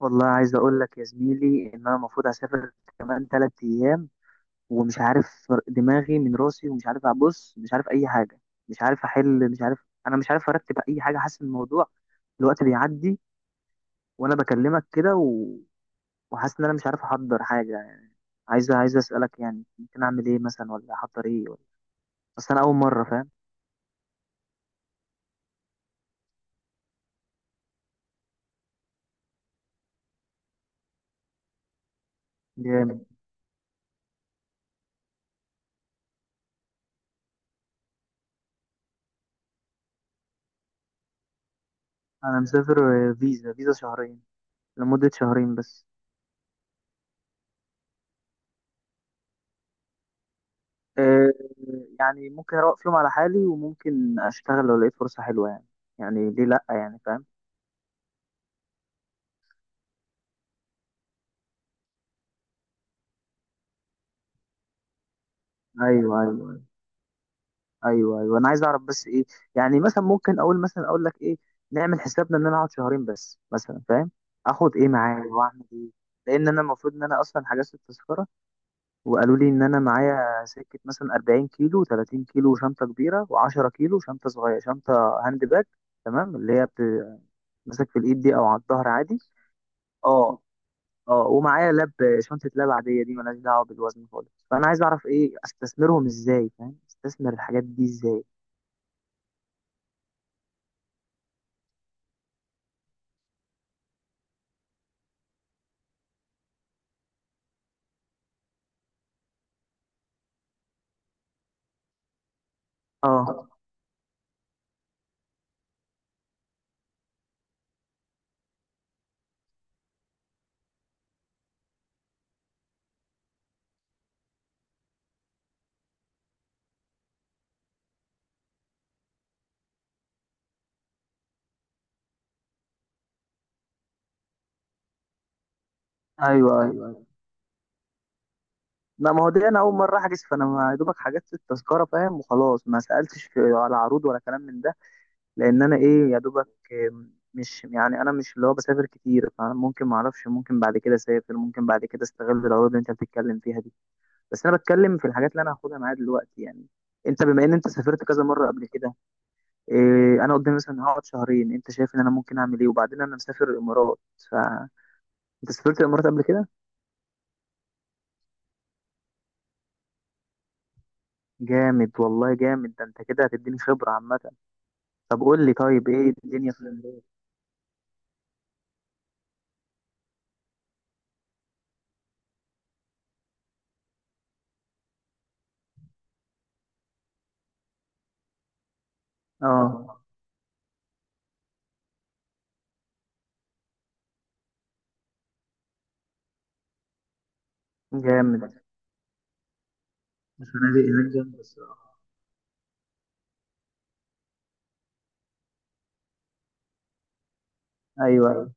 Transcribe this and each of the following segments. والله عايز اقول لك يا زميلي ان انا المفروض هسافر كمان 3 ايام، ومش عارف دماغي من راسي، ومش عارف ابص، مش عارف اي حاجه، مش عارف احل، مش عارف، انا مش عارف ارتب اي حاجه. حاسس إن الموضوع الوقت بيعدي وانا بكلمك كده وحاسس ان انا مش عارف احضر حاجه يعني. عايز اسالك يعني ممكن اعمل ايه مثلا، ولا احضر ايه، ولا بس انا اول مره، فاهم؟ جامد. انا مسافر فيزا شهرين، لمده شهرين بس. آه، يعني ممكن اروق فيهم على حالي، وممكن اشتغل لو لقيت فرصة حلوة يعني. يعني ليه لا يعني، فاهم؟ ايوه، ايوه، ايوه، ايوه، انا عايز اعرف بس ايه. يعني مثلا ممكن اقول، مثلا اقول لك ايه، نعمل حسابنا ان انا اقعد شهرين بس مثلا، فاهم؟ اخد ايه معايا واعمل ايه. لان انا المفروض ان انا اصلا حجزت التذكرة، وقالوا لي ان انا معايا سكة مثلا 40 كيلو، 30 كيلو شنطة كبيرة و10 كيلو شنطة صغيرة، شنطة هاند باج. تمام؟ اللي هي ماسك في الايد دي او على الظهر عادي. اه. اه، ومعايا لاب، شنطة لاب عادية دي ملهاش دعوة بالوزن خالص. فأنا عايز أعرف إيه، أستثمرهم إزاي، فاهم؟ أستثمر الحاجات دي إزاي. اه. أيوه، أيوه، أيوه، لا، ما هو دي أنا أول مرة أحجز، فأنا ما يا دوبك حجزت التذكرة فاهم، وخلاص ما سألتش في على عروض ولا كلام من ده، لأن أنا إيه، يا دوبك. مش يعني، أنا مش اللي هو بسافر كتير، فممكن ما أعرفش، ممكن بعد كده أسافر، ممكن بعد كده أستغل العروض اللي أنت بتتكلم فيها دي. بس أنا بتكلم في الحاجات اللي أنا هاخدها معايا دلوقتي يعني. أنت بما إن أنت سافرت كذا مرة قبل كده، إيه انا قدامي؟ مثلا هقعد شهرين، انت شايف ان انا ممكن اعمل ايه؟ وبعدين انا مسافر الامارات. ف انت سافرت الامارات قبل كده؟ جامد والله، جامد، ده انت كده هتديني خبره عامه. طب قول لي، طيب ايه الدنيا في الامارات؟ اه. جامد. الفنادق هناك جامدة الصراحة. ايوه،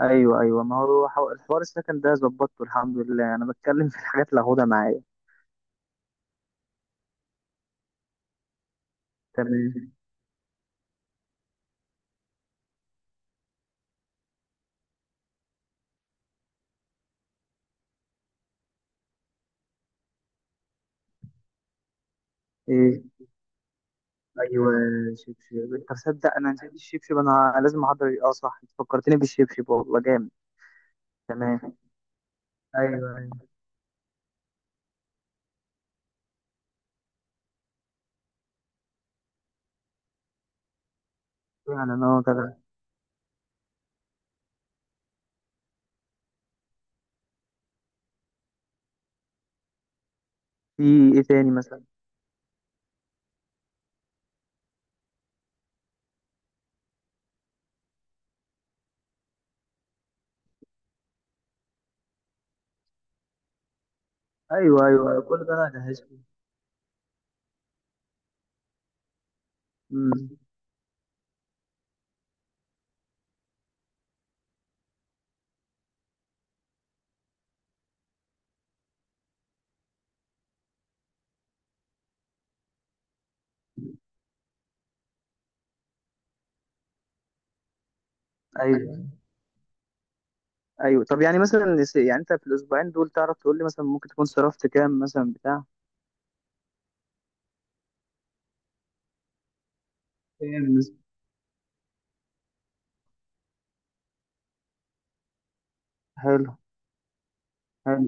ايوه، ايوه، ما هو الحوار السكن ده ظبطته الحمد لله. انا بتكلم في الحاجات اللي هاخدها معايا. تمام. ايه. ايوه. شبشب، انت تصدق انا نسيت الشبشب؟ انا لازم احضر، اه صح، أنت فكرتني بالشبشب، والله جامد. تمام. ايوه. فعلا اه، طبعا. في ايه تاني مثلا؟ ايوه، ايوه، أيوة، كل ده انا هجهزه. امم. ايوه، ايوه. طب يعني مثلا يعني انت في الاسبوعين دول تعرف تقول لي مثلا ممكن تكون صرفت كام مثلا بتاع، فاهم؟ حلو. حلو.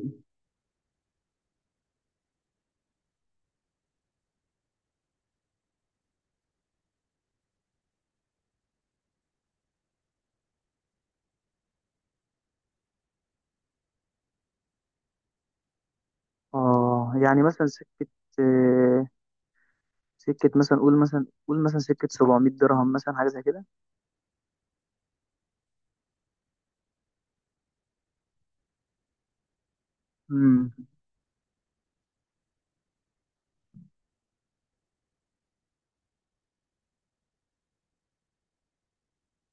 اه يعني مثلا سكة، آه، سكة مثلا قول، مثلا قول مثلا، سكة 700 درهم مثلا، حاجة زي كده. امم.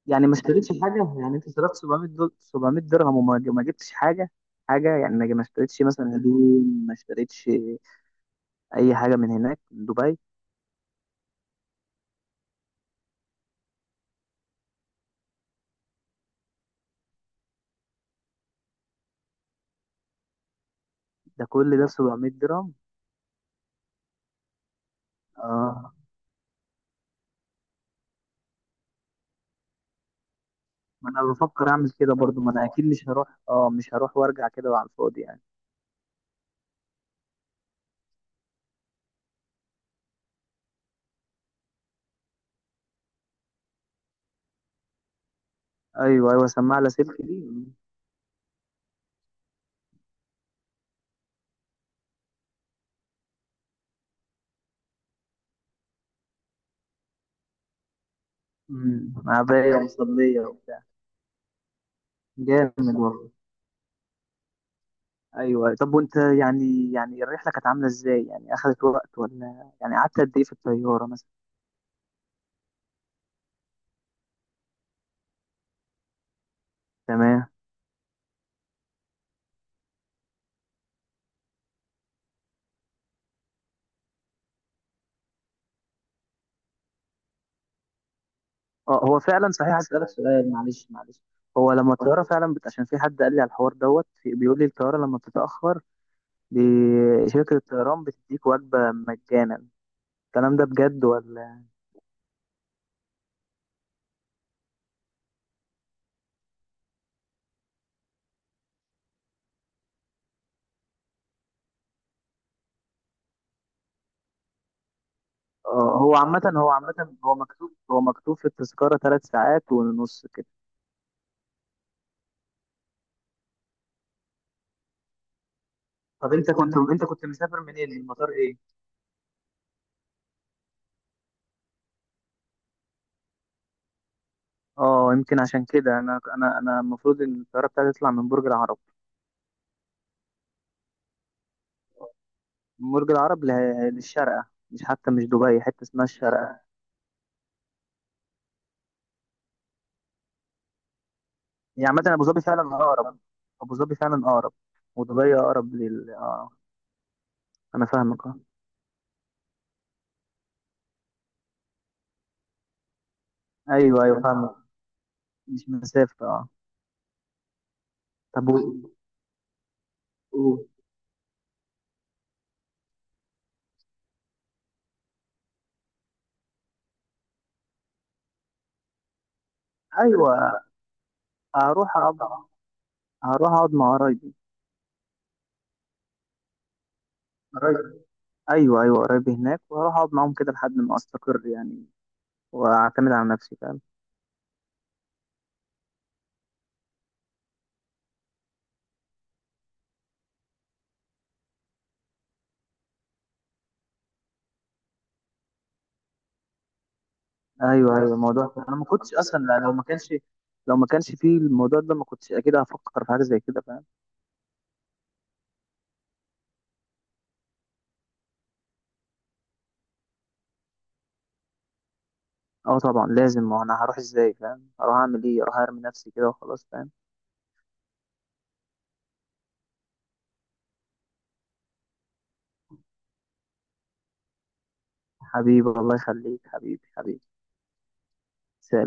يعني ما اشتريتش حاجة؟ يعني انت صرفت 700، دول 700 درهم، وما ما جبتش حاجة؟ حاجة يعني، ما اشتريتش مثلا هدوم، ما اشتريتش اي حاجة من هناك، من دبي؟ ده كل ده 700 درهم؟ اه. ما انا بفكر اعمل كده برضو، ما انا اكيد مش هروح، اه مش هروح وارجع كده على الفاضي يعني. ايوه، ايوه، سماعه لاسلكي دي. امم، عبايه ومصليه وبتاع. جامد والله. ايوه، أيوه. طب وانت يعني، يعني الرحله كانت عامله ازاي؟ يعني اخذت وقت ولا يعني قعدت قد ايه في الطياره مثلا؟ تمام. اه، هو فعلا صحيح، هسألك سؤال، معلش معلش. هو لما الطياره فعلا عشان في حد قال لي على الحوار دوت بيقول لي الطياره لما بتتاخر، شركه الطيران بتديك وجبه مجانا، الكلام ده بجد ولا؟ هو عامة، هو مكتوب، في التذكرة 3 ساعات ونص كده. طب انت كنت، مسافر منين، من مطار ايه؟ اه، يمكن عشان كده انا، انا المفروض ان الطياره بتاعتي تطلع من برج العرب. من برج العرب للشارقه، مش حتى مش دبي، حته اسمها الشارقه. يعني عامه ابو ظبي فعلا اقرب. ابو ظبي فعلا اقرب ودبي اقرب لل اه، انا فاهمك اه. ايوه ايوه فاهمك. مش مسافه اه. طب قول. ايوه، هروح اقعد، مع قرايبي. قريب. ايوه، ايوه، قريب هناك وهروح اقعد معاهم كده لحد ما استقر يعني، واعتمد على نفسي، فاهم؟ ايوه، ايوه، الموضوع انا ما كنتش اصلا، لو ما كانش، فيه الموضوع ده ما كنتش اكيد هفكر في حاجه زي كده، فاهم؟ اه طبعا لازم، ما انا هروح ازاي، فاهم؟ هروح اعمل ايه، اروح ارمي نفسي كده وخلاص، فاهم؟ حبيبي، الله يخليك حبيبي، حبيبي. سلام.